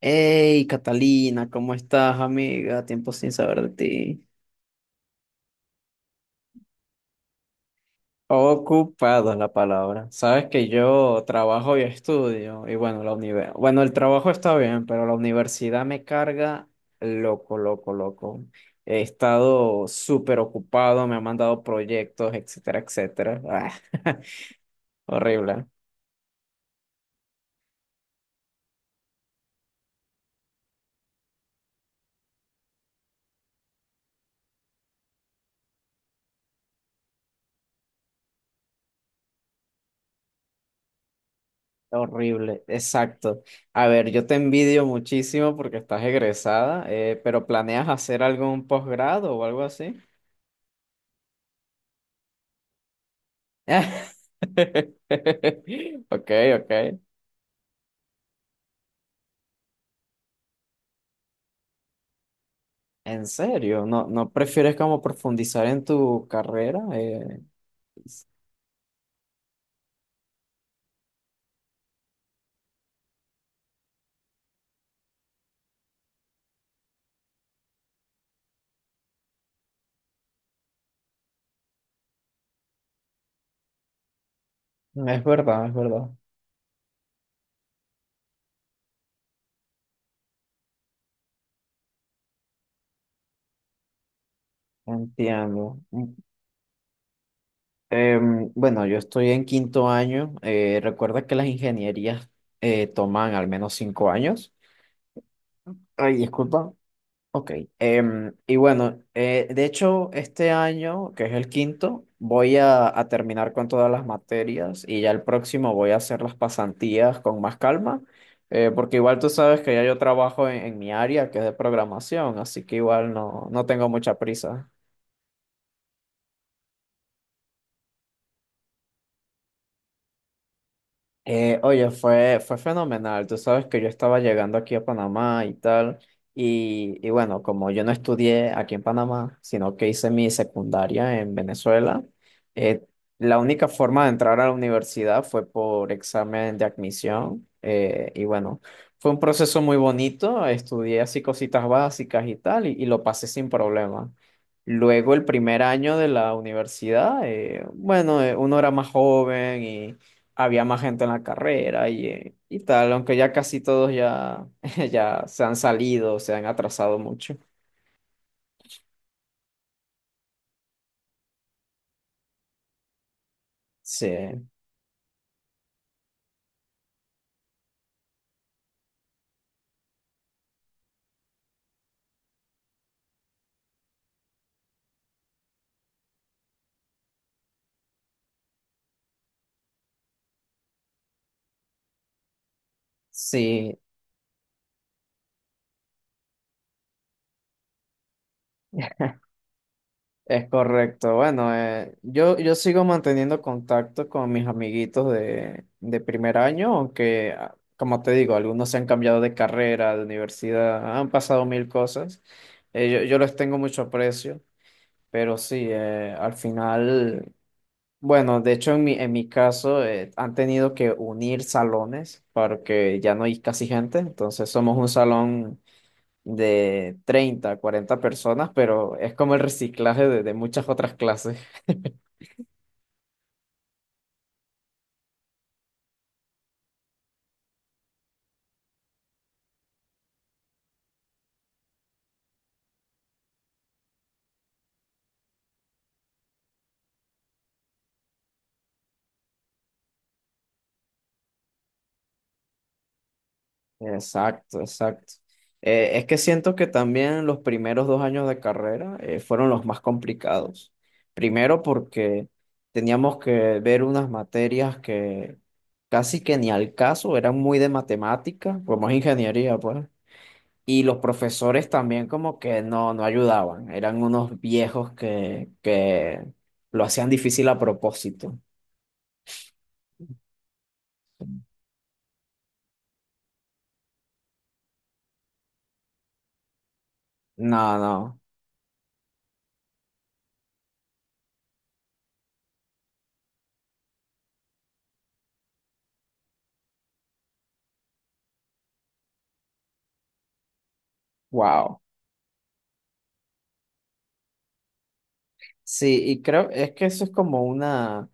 Hey, Catalina, ¿cómo estás, amiga? Tiempo sin saber de ti. Ocupada es la palabra. Sabes que yo trabajo y estudio, y bueno, la universidad. Bueno, el trabajo está bien, pero la universidad me carga loco, loco, loco. He estado súper ocupado, me han mandado proyectos, etcétera, etcétera. Ah, horrible, horrible, exacto. A ver, yo te envidio muchísimo porque estás egresada, pero ¿planeas hacer algún posgrado o algo así? Ok, ok. ¿En serio? ¿No, no prefieres como profundizar en tu carrera? Es es verdad, es verdad. Entiendo. Bueno, yo estoy en quinto año. Recuerda que las ingenierías toman al menos 5 años. Ay, disculpa. Ok, y bueno, de hecho este año, que es el quinto, voy a terminar con todas las materias y ya el próximo voy a hacer las pasantías con más calma, porque igual tú sabes que ya yo trabajo en mi área, que es de programación, así que igual no, no tengo mucha prisa. Oye, fue fenomenal. Tú sabes que yo estaba llegando aquí a Panamá y tal. Y bueno, como yo no estudié aquí en Panamá, sino que hice mi secundaria en Venezuela, eh, la única forma de entrar a la universidad fue por examen de admisión. Y bueno, fue un proceso muy bonito. Estudié así cositas básicas y tal, y lo pasé sin problema. Luego el primer año de la universidad, bueno, uno era más joven. Había más gente en la carrera y tal, aunque ya casi todos ya, ya se han salido, se han atrasado mucho. Sí, sí, es correcto. Bueno, yo sigo manteniendo contacto con mis amiguitos de primer año, aunque, como te digo, algunos se han cambiado de carrera, de universidad, han pasado mil cosas. Yo les tengo mucho aprecio, pero sí, al final. Bueno, de hecho en mi caso han tenido que unir salones porque ya no hay casi gente, entonces somos un salón de 30 40 personas, pero es como el reciclaje de muchas otras clases. Exacto, exacto. Es que siento que también los primeros 2 años de carrera fueron los más complicados. Primero porque teníamos que ver unas materias que casi que ni al caso eran muy de matemática, como es ingeniería, pues. Y los profesores también como que no, no ayudaban, eran unos viejos que lo hacían difícil a propósito. No, no, wow. Sí, y creo, es que eso es como una,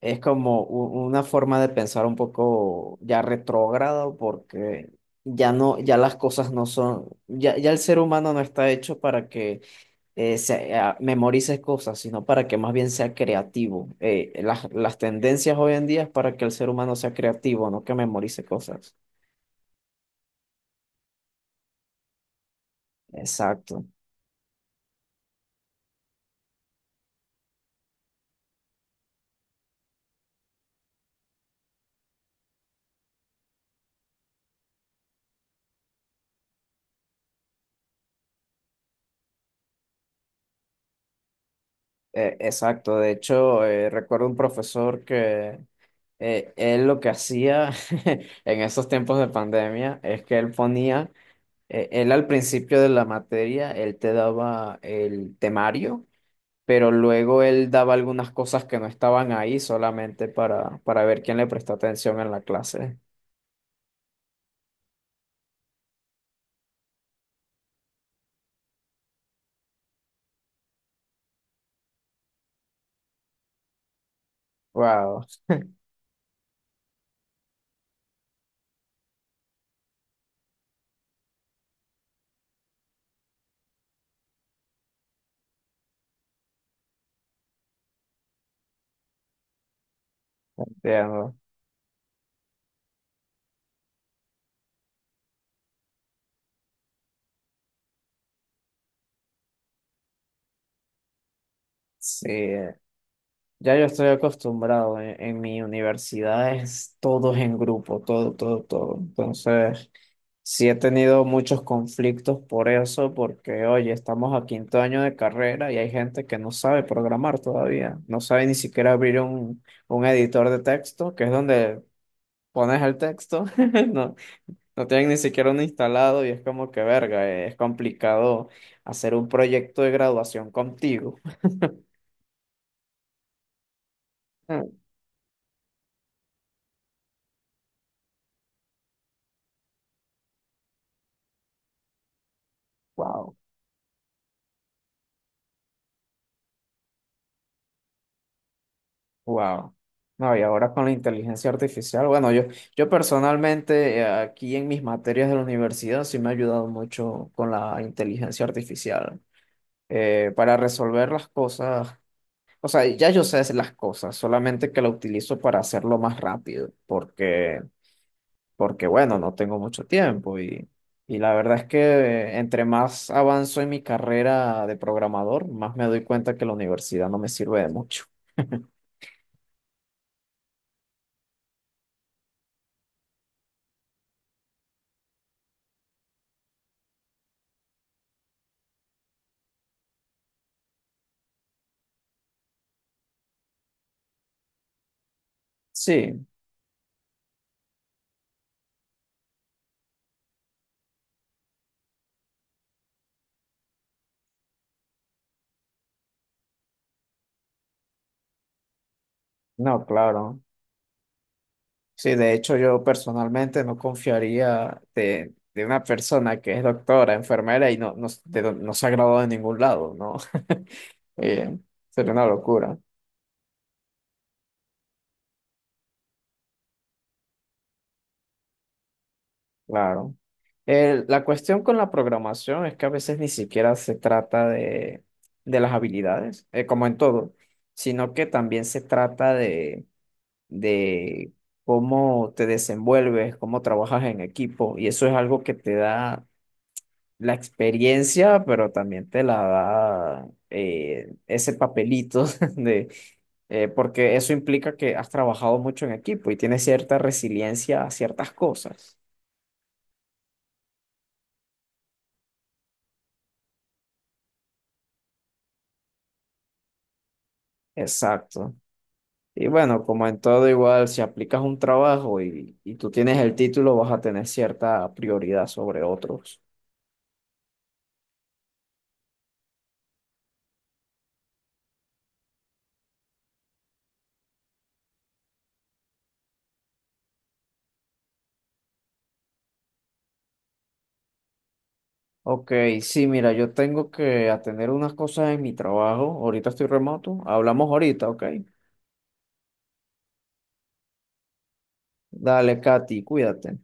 es como una forma de pensar un poco ya retrógrado porque ya no, ya las cosas no son, ya el ser humano no está hecho para que memorices cosas, sino para que más bien sea creativo. Las tendencias hoy en día es para que el ser humano sea creativo, no que memorice cosas. Exacto, exacto. De hecho, recuerdo un profesor que él lo que hacía en esos tiempos de pandemia es que él ponía, él al principio de la materia, él te daba el temario pero luego él daba algunas cosas que no estaban ahí solamente para ver quién le prestó atención en la clase. Wow, entiendo. Sí, ya yo estoy acostumbrado. En mi universidad es todos en grupo, todo, todo, todo. Entonces, sí he tenido muchos conflictos por eso, porque, oye, estamos a quinto año de carrera y hay gente que no sabe programar todavía, no sabe ni siquiera abrir un, editor de texto, que es donde pones el texto, no, No tienen ni siquiera uno instalado y es como que verga, es complicado hacer un proyecto de graduación contigo. Wow, wow. No, y ahora con la inteligencia artificial, bueno, yo personalmente aquí en mis materias de la universidad sí me ha ayudado mucho con la inteligencia artificial para resolver las cosas. O sea, ya yo sé hacer las cosas, solamente que la utilizo para hacerlo más rápido, porque bueno, no tengo mucho tiempo y la verdad es que entre más avanzo en mi carrera de programador, más me doy cuenta que la universidad no me sirve de mucho. Sí, no, claro. Sí, de hecho yo personalmente no confiaría de una persona que es doctora, enfermera y no, no, no se ha graduado de ningún lado, ¿no? Eh, sería una locura. Claro. La cuestión con la programación es que a veces ni siquiera se trata de las habilidades, como en todo, sino que también se trata de cómo te desenvuelves, cómo trabajas en equipo, y eso es algo que te da la experiencia, pero también te la da ese papelito de, porque eso implica que has trabajado mucho en equipo y tienes cierta resiliencia a ciertas cosas. Exacto. Y bueno, como en todo igual, si aplicas un trabajo y tú tienes el título, vas a tener cierta prioridad sobre otros. Ok, sí, mira, yo tengo que atender unas cosas en mi trabajo. Ahorita estoy remoto. Hablamos ahorita, ok. Dale, Katy, cuídate.